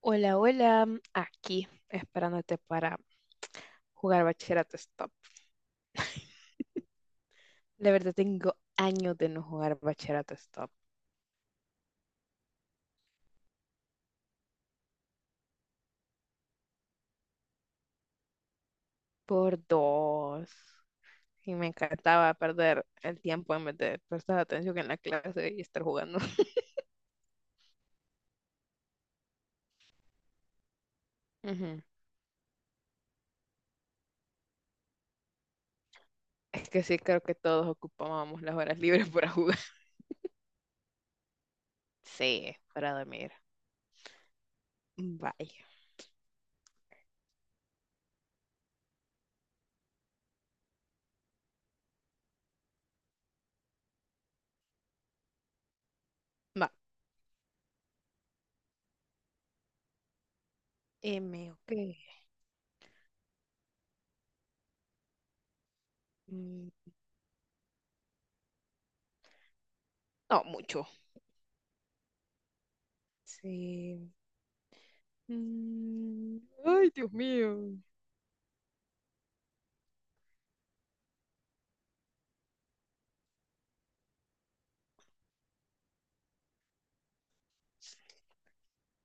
Hola, hola, aquí esperándote para jugar Bachillerato Stop. La verdad tengo años de no jugar Bachillerato Stop, por dos. Y me encantaba perder el tiempo en vez de prestar atención en la clase y estar jugando. Ujú. Es que sí, creo que todos ocupábamos las horas libres para jugar. Sí, para dormir. Vaya. Va. M, ok. Mm, No, mucho. Sí. Mm, Ay, Dios mío.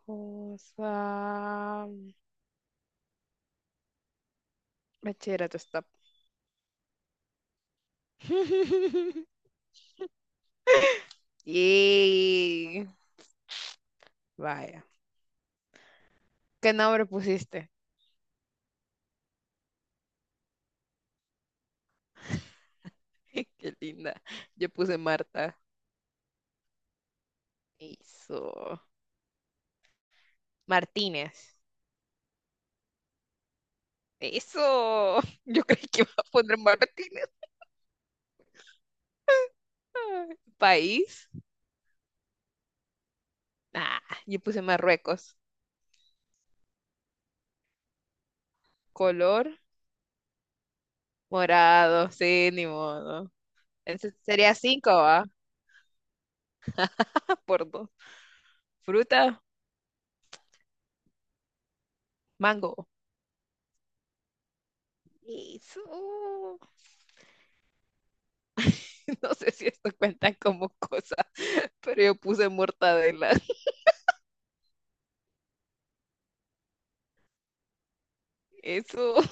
Cosa. Bachillerato stop. Yay. Vaya. ¿Qué nombre pusiste? Qué linda. Yo puse Marta. Eso. Martínez. Eso. Yo creí que iba a poner Martínez. País. Ah, yo puse Marruecos. Color morado. Sí, ni modo. Entonces sería cinco, ¿va? Por dos. Fruta, mango. Eso. No sé si esto cuenta como cosa, pero yo puse mortadela. Eso.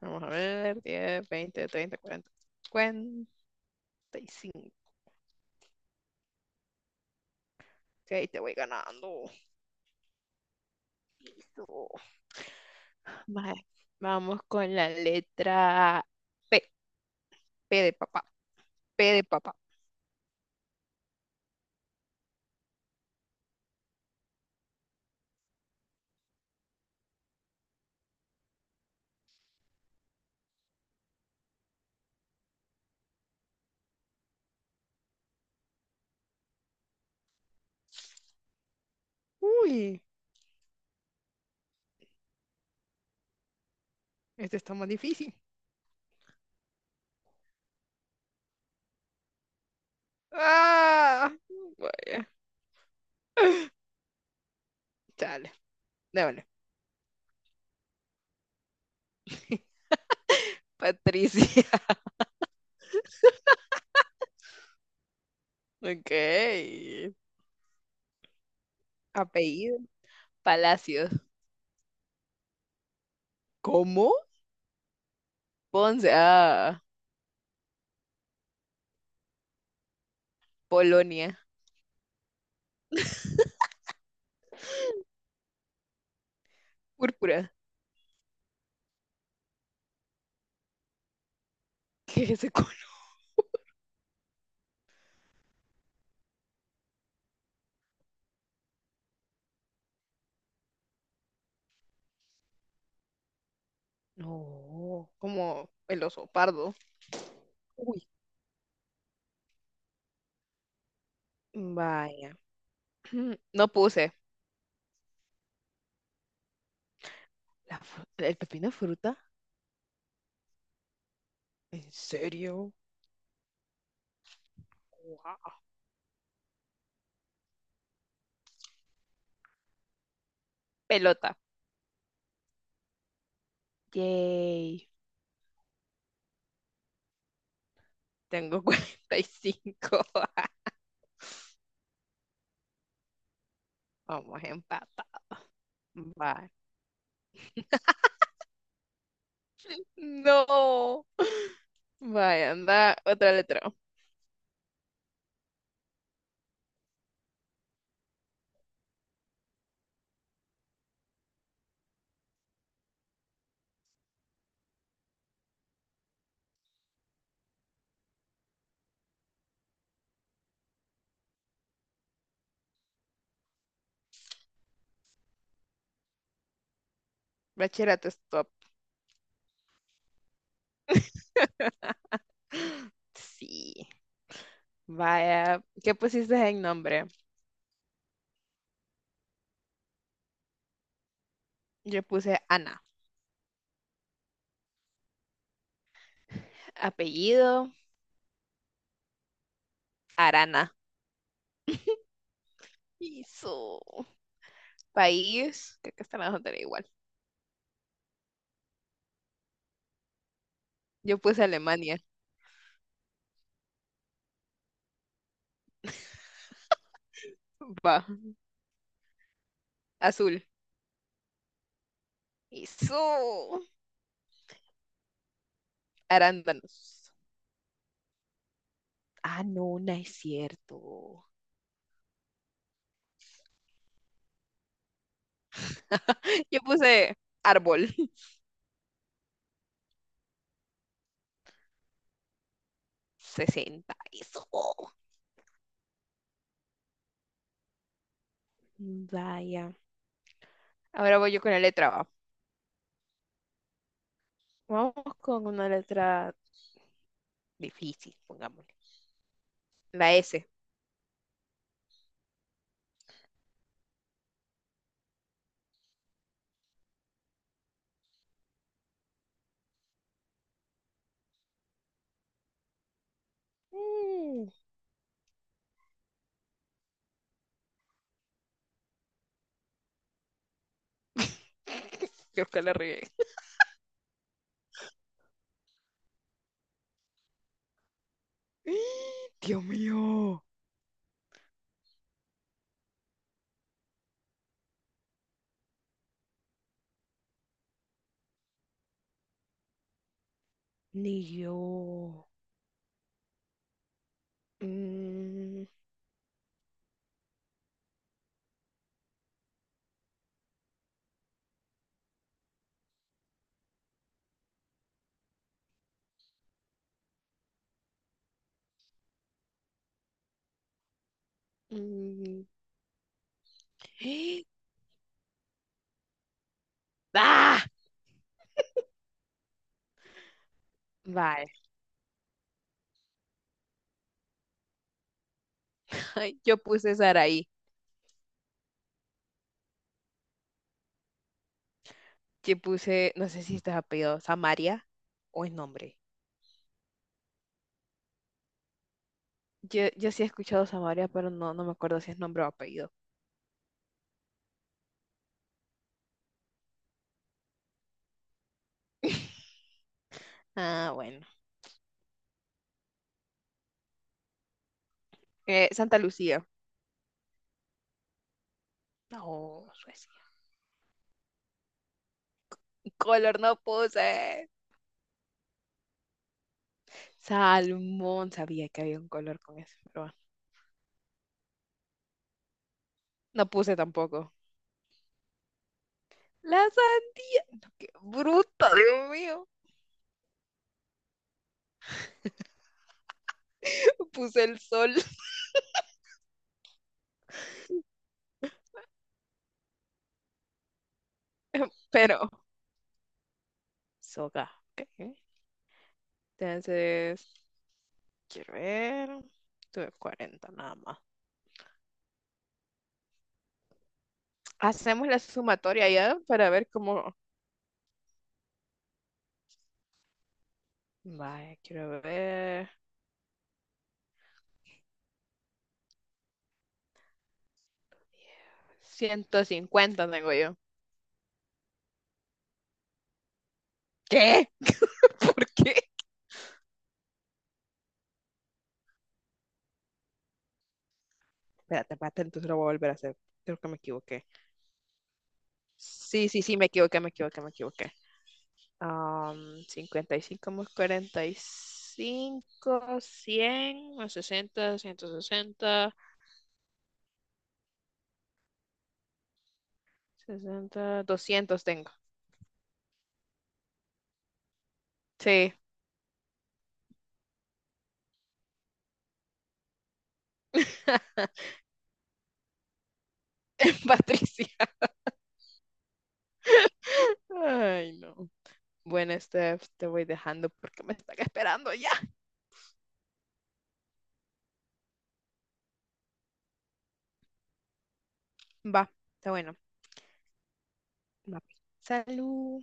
Vamos a ver, 10, 20, 30, cuarenta, 40, y cinco, ahí te voy ganando. Eso. Vale, vamos con la letra P. P de papá. P de papá. Uy, este está más difícil. Ah, vaya. Chale, déjale. Patricia. Ok. Apellido. Palacios. ¿Cómo? Ponce. Ah, Polonia. Púrpura. ¿Qué es ese color? No. Como el oso pardo. Uy, vaya. No puse. La fru- ¿El pepino es fruta? ¿En serio? Wow. Pelota. Yay. Tengo 45. Vamos empate. Vaya. No. Vaya, anda. Otra letra. Bachillerato, stop. Sí. Vaya, ¿qué pusiste en nombre? Yo puse Ana. Apellido, Arana. Eso. País, creo que están las otras igual. Yo puse Alemania. Va, azul. Eso. Arándanos. Ah, no, no es cierto. Yo puse árbol. 60. Eso. Vaya. Ahora voy yo con la letra A. Vamos con una letra difícil, pongámosle. La S. Mm. Creo que la regué. Dios mío. Ni yo. Mm, mm. ¡Ah! Vale. Yo puse Saraí. Yo puse, no sé si este es apellido, Samaria, o es nombre. Yo sí he escuchado Samaria, pero no, no me acuerdo si es nombre o apellido. Ah, bueno. Santa Lucía. No, Suecia. Color no puse. Salmón. Sabía que había un color con eso, pero bueno. No puse tampoco. La sandía. No, qué bruto, Dios mío. Puse el sol, pero soga. Ok. Entonces, quiero ver. Tuve 40 nada más. Hacemos la sumatoria ya para ver cómo. Vaya, quiero ver. 150 tengo yo. ¿Qué? ¿Por qué? Espérate, espérate, entonces lo voy a volver a hacer. Creo que me equivoqué. Sí, sí, sí, me equivoqué, me equivoqué, me equivoqué. 55 más 45, 100 más 60, 160, 60, 200 tengo. Sí, Patricia. Ay, no. Bueno, Steph, te voy dejando porque me están esperando ya. Va, está bueno. Va. Salud.